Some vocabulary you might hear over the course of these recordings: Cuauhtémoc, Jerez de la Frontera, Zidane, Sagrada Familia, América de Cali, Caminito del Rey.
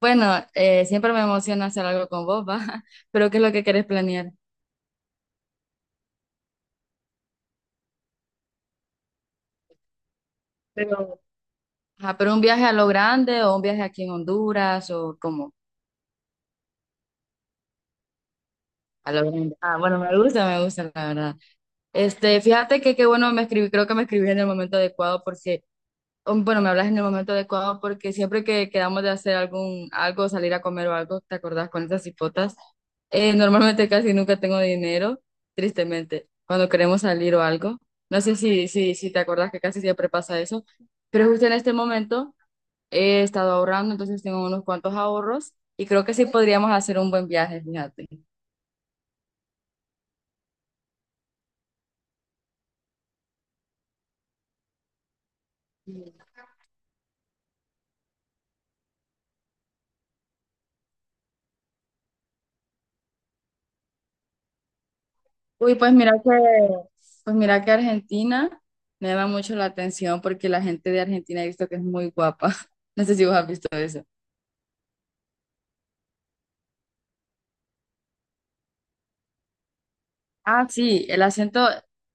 Bueno, siempre me emociona hacer algo con vos, ¿va? Pero ¿qué es lo que querés planear? Pero, ajá, pero un viaje a lo grande o un viaje aquí en Honduras o como a lo grande. Ah, bueno, me gusta, la verdad. Fíjate que qué bueno me escribí, creo que me escribí en el momento adecuado porque bueno, me hablas en el momento adecuado porque siempre que quedamos de hacer algún algo, salir a comer o algo, ¿te acordás con esas hipotas? Normalmente casi nunca tengo dinero, tristemente, cuando queremos salir o algo. No sé si te acordás que casi siempre pasa eso, pero justo en este momento he estado ahorrando, entonces tengo unos cuantos ahorros y creo que sí podríamos hacer un buen viaje, fíjate. Uy, pues mira que Argentina me llama mucho la atención porque la gente de Argentina he visto que es muy guapa. No sé si vos has visto eso. Ah, sí, el acento,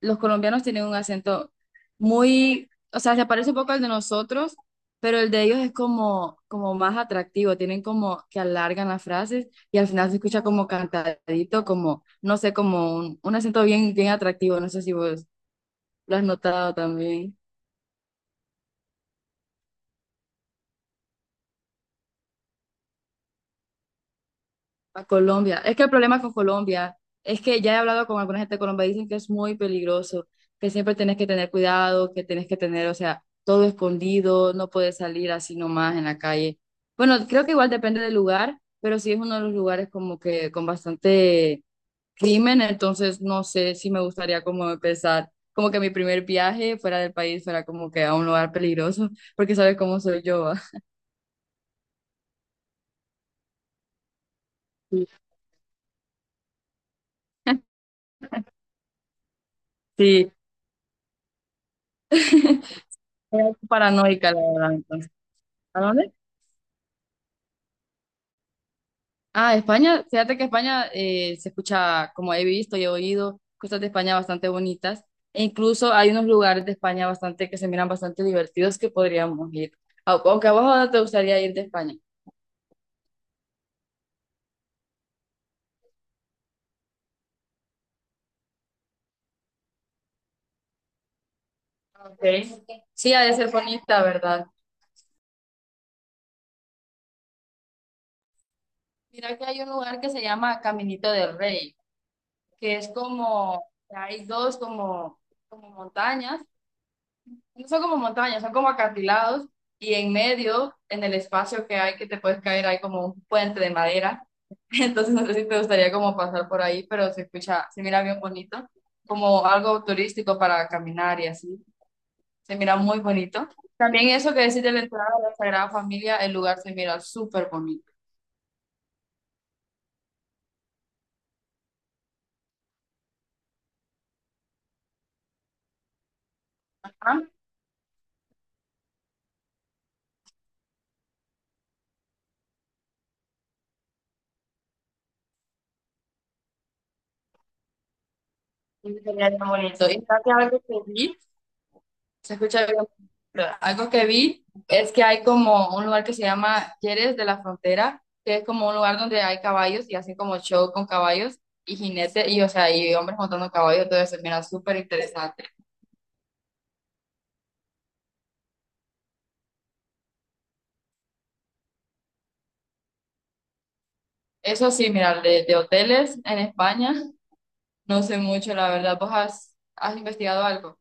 los colombianos tienen un acento muy, o sea, se parece un poco al de nosotros, pero el de ellos es como más atractivo, tienen como que alargan las frases y al final se escucha como cantadito, como, no sé, como un acento bien, bien atractivo, no sé si vos lo has notado también. A Colombia. Es que el problema con Colombia es que ya he hablado con alguna gente de Colombia, dicen que es muy peligroso, que siempre tienes que tener cuidado, que tienes que tener, o sea, todo escondido, no puedes salir así nomás en la calle. Bueno, creo que igual depende del lugar, pero sí es uno de los lugares como que con bastante crimen, entonces no sé si me gustaría como empezar, como que mi primer viaje fuera del país fuera como que a un lugar peligroso, porque sabes cómo soy yo, ¿va? Sí, sí, soy paranoica, la verdad, entonces. ¿A dónde? Ah, España, fíjate que España se escucha, como he visto y he oído, cosas de España bastante bonitas. E incluso hay unos lugares de España bastante que se miran bastante divertidos que podríamos ir. Aunque a vos ahora te gustaría ir de España. Okay. Sí, ha de ser bonita, ¿verdad? Mira que hay un lugar que se llama Caminito del Rey, que es como, hay dos como montañas. No son como montañas, son como acantilados y en medio, en el espacio que hay que te puedes caer, hay como un puente de madera. Entonces no sé si te gustaría como pasar por ahí, pero se escucha, se mira bien bonito, como algo turístico para caminar y así. Se mira muy bonito. También eso que decís de la entrada de la Sagrada Familia, el lugar se mira súper bonito. Ah, y se mira bien bonito. Y fíjate algo que vi. Se escucha bien. Pero algo que vi es que hay como un lugar que se llama Jerez de la Frontera, que es como un lugar donde hay caballos y hacen como show con caballos y jinetes y, o sea, y hombres montando caballos, todo eso, mira, súper interesante. Eso sí, mira, de hoteles en España, no sé mucho, la verdad. ¿Vos has investigado algo?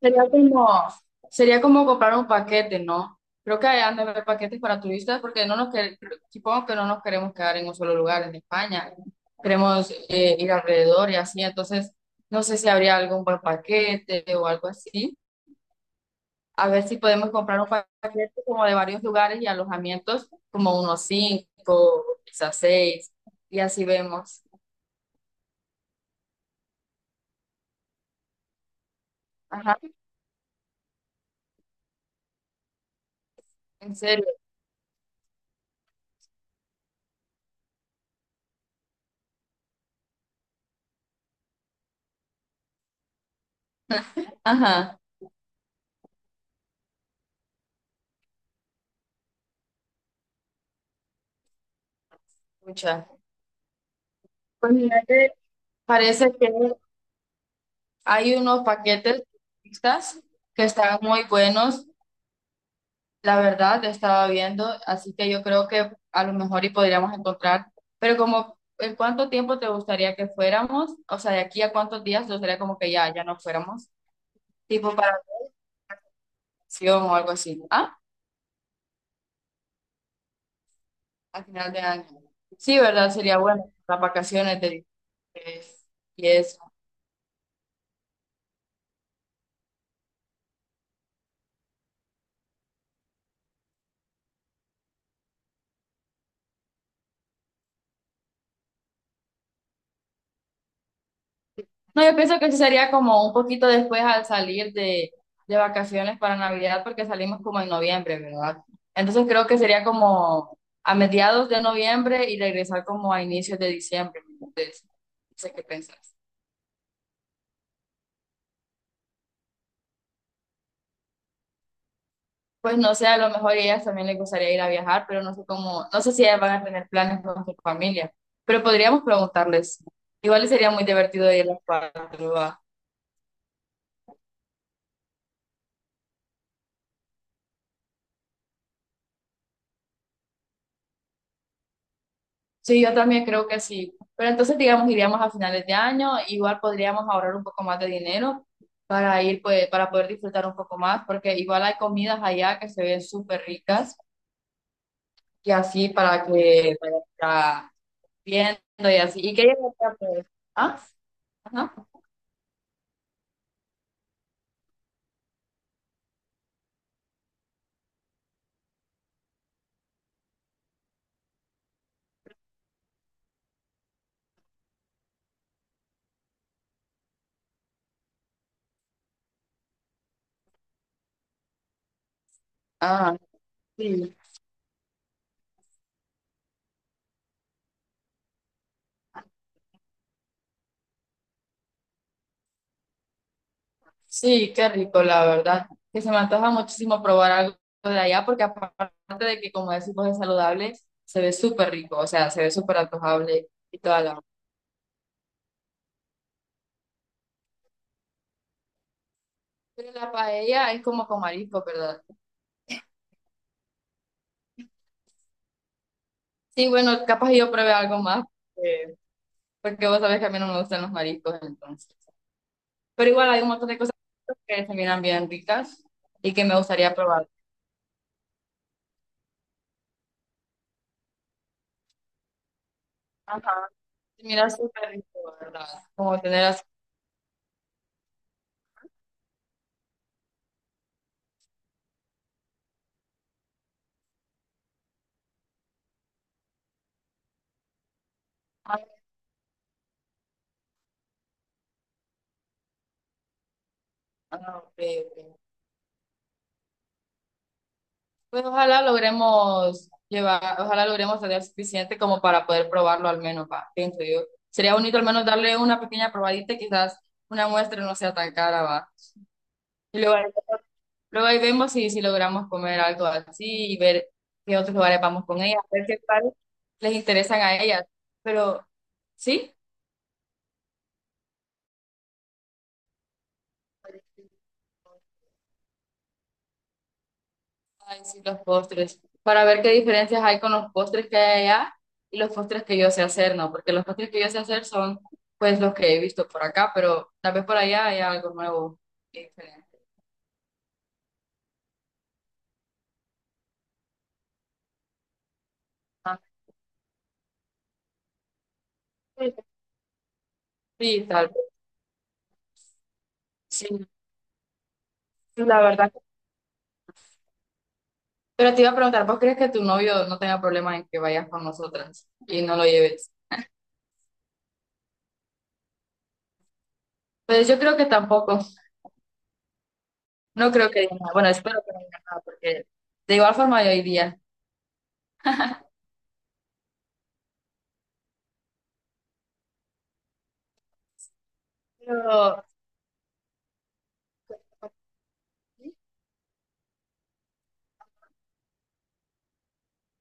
Sería como, sería como comprar un paquete, ¿no? Creo que hay han de haber paquetes para turistas porque no nos que- supongo que no nos queremos quedar en un solo lugar en España. Queremos ir alrededor y así. Entonces, no sé si habría algún buen paquete o algo así. A ver si podemos comprar un paquete como de varios lugares y alojamientos, como unos cinco, quizás seis, y así vemos. Ajá, en serio. Ajá, muchas. Pues mira que parece que hay unos paquetes mixtas que están muy buenos, la verdad, estaba viendo, así que yo creo que a lo mejor y podríamos encontrar, pero como ¿en cuánto tiempo te gustaría que fuéramos? O sea, de aquí a cuántos días te gustaría como que ya, ya no fuéramos, tipo para vacación o algo así. Ah, al final de año. Sí, ¿verdad? Sería bueno, las vacaciones de y es no, yo pienso que sí sería como un poquito después al salir de vacaciones para Navidad, porque salimos como en noviembre, ¿verdad? Entonces creo que sería como a mediados de noviembre y regresar como a inicios de diciembre. Entonces, no sé qué pensás. Pues no sé, a lo mejor a ellas también les gustaría ir a viajar, pero no sé cómo, no sé si ellas van a tener planes con su familia, pero podríamos preguntarles. Igual sería muy divertido ir a las 4. Sí, yo también creo que sí. Pero entonces, digamos, iríamos a finales de año, igual podríamos ahorrar un poco más de dinero para ir, pues, para poder disfrutar un poco más, porque igual hay comidas allá que se ven súper ricas y así para que vayas viendo y así. ¿Y qué llevaría, pues? ¿Ah? Ajá. Ah, sí. Sí, qué rico, la verdad. Que se me antoja muchísimo probar algo de allá, porque aparte de que, como decimos, es saludable, se ve súper rico, o sea, se ve súper antojable y toda la. Pero la paella es como con mariscos, ¿verdad? Sí, bueno, capaz yo pruebe algo más, eh, porque vos sabés que a mí no me gustan los mariscos, entonces. Pero igual hay un montón de cosas que se miran bien ricas y que me gustaría probar. Ajá. Se mira súper rico, ¿verdad? Como tener así. Ah, ok, ok. Pues ojalá logremos llevar, ojalá logremos tener suficiente como para poder probarlo al menos, va, pienso yo. Sería bonito al menos darle una pequeña probadita, quizás una muestra no sea tan cara, va. Y luego Luego ahí vemos si logramos comer algo así y ver qué otros lugares vamos con ellas, ver qué tal les interesan a ellas. Pero, ¿sí? Ay, sí, los postres. Para ver qué diferencias hay con los postres que hay allá y los postres que yo sé hacer, ¿no? Porque los postres que yo sé hacer son, pues, los que he visto por acá, pero tal vez por allá haya algo nuevo y diferente. Ah, sí, tal vez. Sí, la verdad. Pero te iba a preguntar, ¿vos crees que tu novio no tenga problema en que vayas con nosotras y no lo lleves? Pues yo creo que tampoco. No creo que diga nada. Bueno, espero que no diga nada, porque de igual forma yo iría. Pero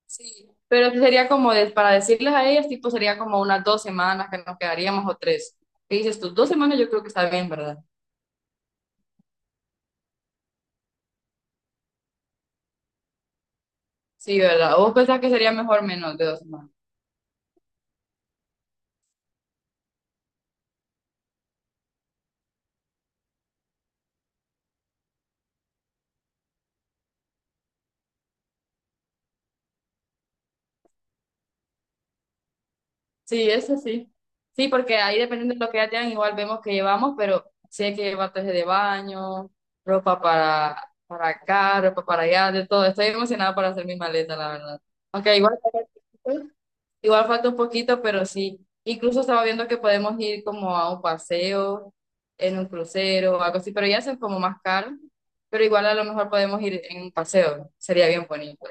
sí. Pero sería como de- para decirles a ellas, tipo, sería como unas 2 semanas que nos quedaríamos o tres. ¿Qué dices tú? 2 semanas yo creo que está bien, ¿verdad? Sí, ¿verdad? ¿O ¿vos pensás que sería mejor menos de 2 semanas? Sí, eso sí. Sí, porque ahí dependiendo de lo que ya tengan, igual vemos que llevamos, pero sí hay que llevar traje de baño, ropa para, acá, ropa para allá, de todo. Estoy emocionada para hacer mi maleta, la verdad. Aunque igual, igual falta un poquito, pero sí. Incluso estaba viendo que podemos ir como a un paseo, en un crucero o algo así, pero ya son como más caros. Pero igual a lo mejor podemos ir en un paseo, sería bien bonito.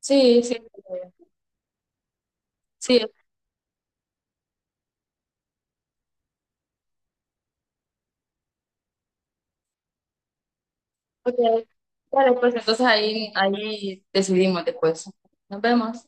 Sí, sí, sí. Ok. Vale, pues entonces ahí, ahí decidimos después. Nos vemos.